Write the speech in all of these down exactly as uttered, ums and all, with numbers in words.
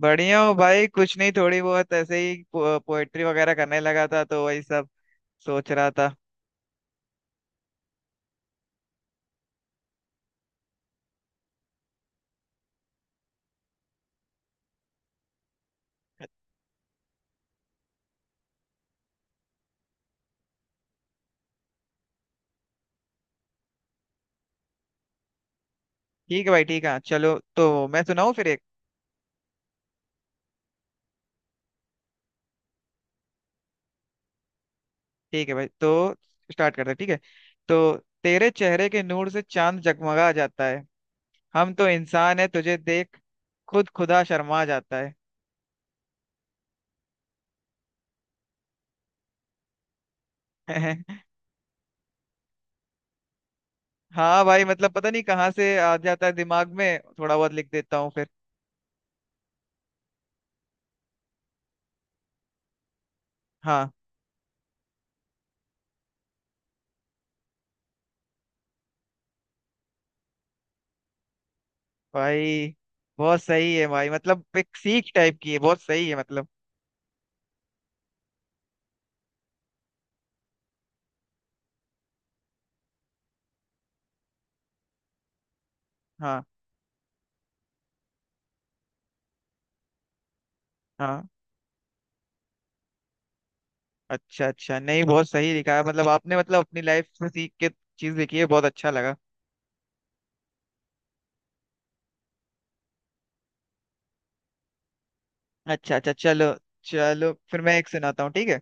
बढ़िया हूँ भाई। कुछ नहीं, थोड़ी बहुत ऐसे ही पो, पोएट्री वगैरह करने लगा था, तो वही सब सोच रहा था। ठीक है भाई, ठीक है, चलो तो मैं सुनाऊँ फिर एक। ठीक है भाई, तो स्टार्ट करते हैं, ठीक है। तो तेरे चेहरे के नूर से चांद जगमगा जाता है। हम तो इंसान है, तुझे देख खुद खुदा शर्मा जाता है। हाँ भाई, मतलब पता नहीं कहाँ से आ जाता है दिमाग में, थोड़ा बहुत लिख देता हूँ फिर। हाँ भाई, बहुत सही है भाई, मतलब एक सीख टाइप की है, बहुत सही है मतलब। हाँ, हाँ। अच्छा, अच्छा, नहीं बहुत सही लिखा है मतलब आपने, मतलब अपनी लाइफ में सीख के चीज लिखी है, बहुत अच्छा लगा। अच्छा, अच्छा, चलो। चलो फिर मैं एक सुनाता हूँ, ठीक है।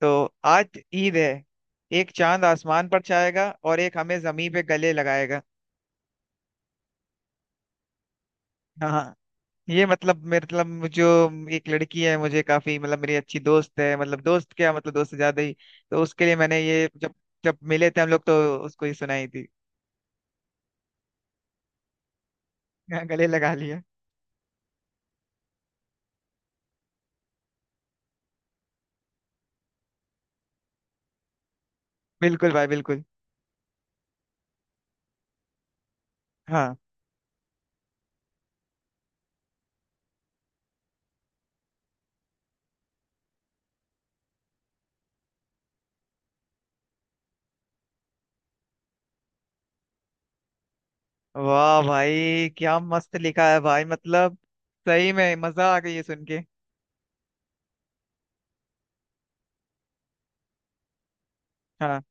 तो आज ईद है। एक चांद आसमान पर छाएगा और एक हमें जमीन पे गले लगाएगा। हाँ, ये मतलब मेरे मतलब जो एक लड़की है, मुझे काफी मतलब मेरी अच्छी दोस्त है, मतलब दोस्त क्या, मतलब दोस्त से ज्यादा ही। तो उसके लिए मैंने ये जब, जब मिले थे हम लोग तो उसको ही सुनाई थी। गले लगा लिया। बिल्कुल भाई, बिल्कुल। हाँ। वाह भाई, क्या मस्त लिखा है भाई, मतलब सही में मजा आ गई है सुन के। हाँ,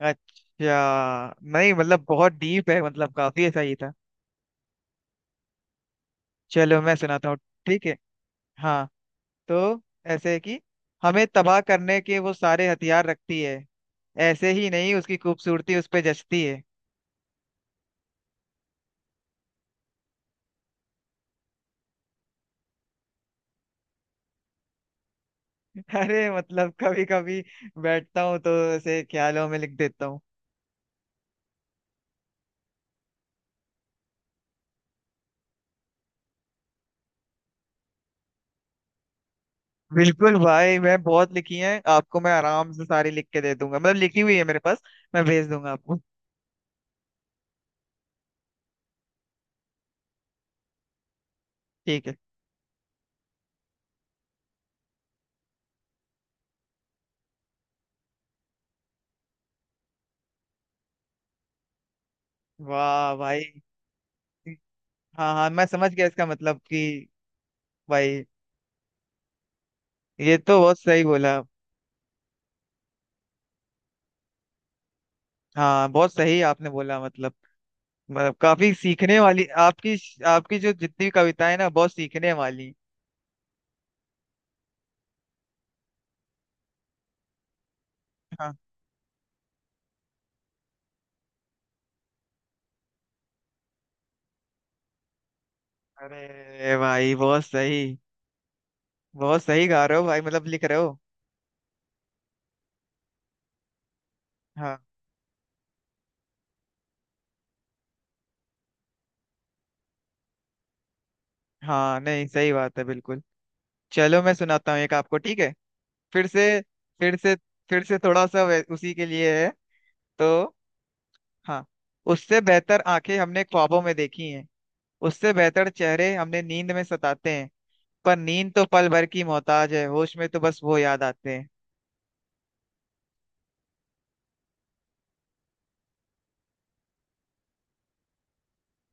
अच्छा, नहीं मतलब बहुत डीप है, मतलब काफी ऐसा ही था। चलो मैं सुनाता हूँ, ठीक है। हाँ, तो ऐसे है कि हमें तबाह करने के वो सारे हथियार रखती है। ऐसे ही नहीं उसकी खूबसूरती उस पे जचती है। अरे मतलब कभी कभी बैठता हूँ तो ऐसे ख्यालों में लिख देता हूँ। बिल्कुल भाई, मैं बहुत लिखी हैं आपको, मैं आराम से सारी लिख के दे दूंगा, मतलब लिखी हुई है मेरे पास। मैं भेज दूंगा आपको। ठीक है। वाह भाई। हाँ हाँ मैं समझ गया, इसका मतलब कि। भाई, ये तो बहुत सही बोला। हाँ, बहुत सही आपने बोला, मतलब मतलब काफी सीखने वाली आपकी, आपकी जो जितनी कविताएं हैं ना, बहुत सीखने वाली। हाँ। अरे भाई बहुत सही, बहुत सही गा रहे हो भाई, मतलब लिख रहे हो। हाँ, हाँ नहीं सही बात है बिल्कुल। चलो मैं सुनाता हूँ एक आपको, ठीक है। फिर से, फिर से, फिर से थोड़ा सा वै- उसी के लिए है। तो हाँ, उससे बेहतर आंखें हमने ख्वाबों में देखी हैं। उससे बेहतर चेहरे हमने नींद में सताते हैं। पर नींद तो पल भर की मोहताज है, होश में तो बस वो याद आते हैं।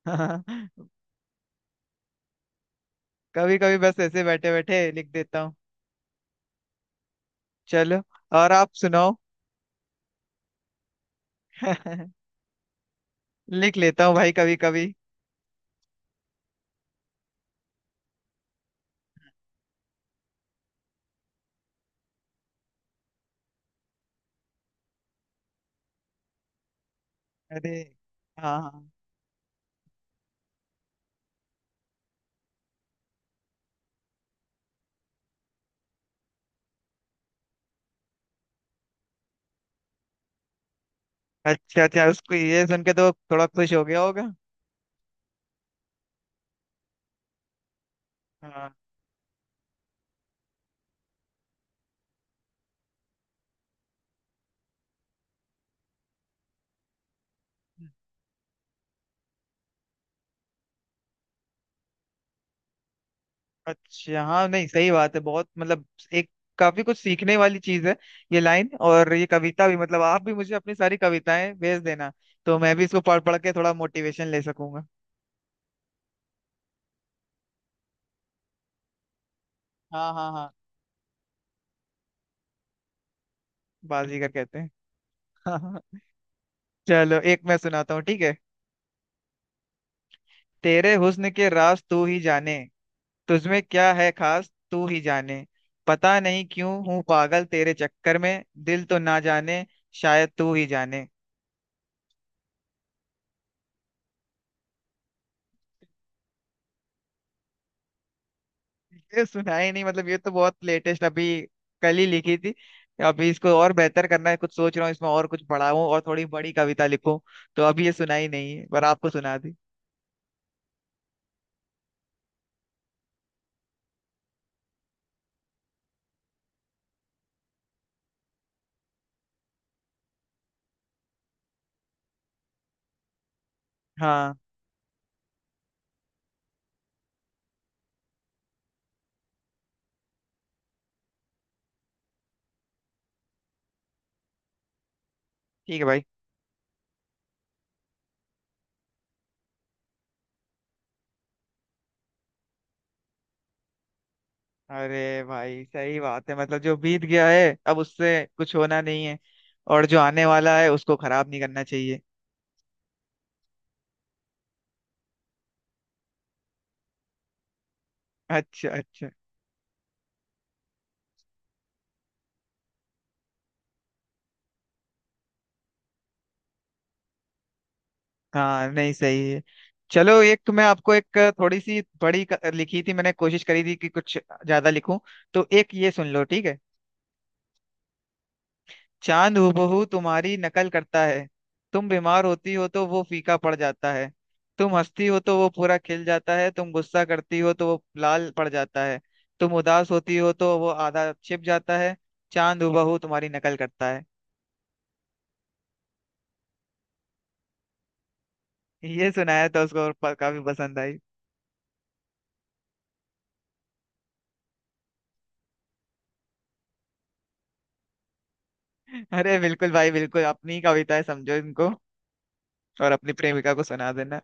कभी कभी बस ऐसे बैठे बैठे लिख देता हूँ। चलो, और आप सुनाओ। लिख लेता हूँ भाई, कभी कभी। अरे। हाँ, हाँ। अच्छा, अच्छा, उसको ये सुन के तो थोड़ा खुश हो गया होगा। हाँ। अच्छा हाँ, नहीं सही बात है बहुत मतलब। एक काफी कुछ सीखने वाली चीज है ये लाइन और ये कविता भी। मतलब आप भी मुझे अपनी सारी कविताएं भेज देना, तो मैं भी इसको पढ़ पढ़ के थोड़ा मोटिवेशन ले सकूंगा। हाँ हाँ हाँ, बाजीगर कहते हैं। हाँ, हाँ। चलो एक मैं सुनाता हूँ, ठीक है। तेरे हुस्न के राज तू ही जाने। तुझमें क्या है खास तू ही जाने। पता नहीं क्यों हूँ पागल तेरे चक्कर में, दिल तो ना जाने, शायद तू ही जाने। ये सुना ही नहीं, मतलब ये तो बहुत लेटेस्ट, अभी कल ही लिखी थी। अभी इसको और बेहतर करना है, कुछ सोच रहा हूँ इसमें और कुछ बढ़ाऊं और थोड़ी बड़ी कविता लिखूं। तो अभी ये सुना ही नहीं है, पर आपको सुना दी। हाँ। ठीक है भाई। अरे भाई, सही बात है, मतलब जो बीत गया है अब उससे कुछ होना नहीं है। और जो आने वाला है उसको खराब नहीं करना चाहिए। अच्छा, अच्छा। हाँ नहीं सही है। चलो एक मैं आपको एक थोड़ी सी बड़ी क- लिखी थी, मैंने कोशिश करी थी कि कुछ ज्यादा लिखूं। तो एक ये सुन लो, ठीक है। चांद हूबहू तुम्हारी नकल करता है। तुम बीमार होती हो तो वो फीका पड़ जाता है। तुम हंसती हो तो वो पूरा खिल जाता है, तुम गुस्सा करती हो तो वो लाल पड़ जाता है। तुम उदास होती हो तो वो आधा छिप जाता है। चांद हूबहू तुम्हारी नकल करता है। ये सुनाया था उसको और प- काफी पसंद आई। अरे बिल्कुल भाई, बिल्कुल अपनी कविता है, समझो इनको। और अपनी प्रेमिका को सुना देना।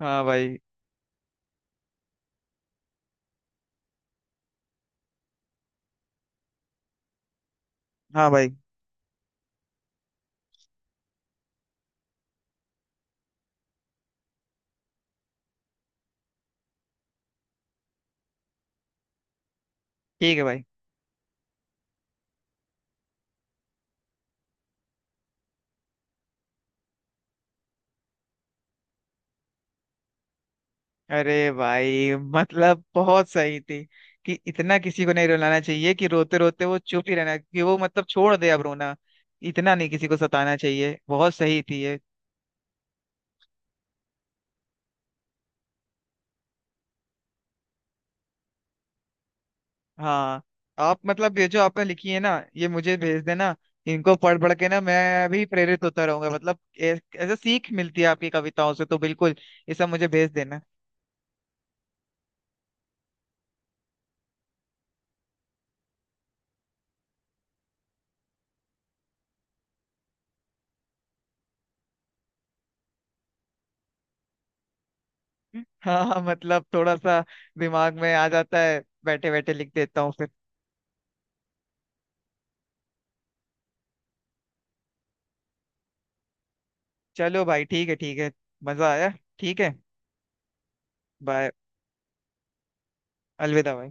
हाँ भाई। हाँ भाई। ठीक है भाई। अरे भाई मतलब बहुत सही थी कि इतना किसी को नहीं रुलाना चाहिए कि रोते रोते वो चुप ही रहना, कि वो मतलब छोड़ दे अब रोना। इतना नहीं किसी को सताना चाहिए, बहुत सही थी ये। हाँ, आप मतलब ये जो आपने लिखी है ना, ये मुझे भेज देना। इनको पढ़ पढ़ के ना मैं भी प्रेरित होता रहूंगा, मतलब ए- ऐसे सीख मिलती है आपकी कविताओं से तो बिल्कुल ये सब मुझे भेज देना। हाँ हाँ, मतलब थोड़ा सा दिमाग में आ जाता है, बैठे बैठे लिख देता हूँ फिर। चलो भाई, ठीक है, ठीक है। मजा आया। ठीक है। बाय। अलविदा भाई।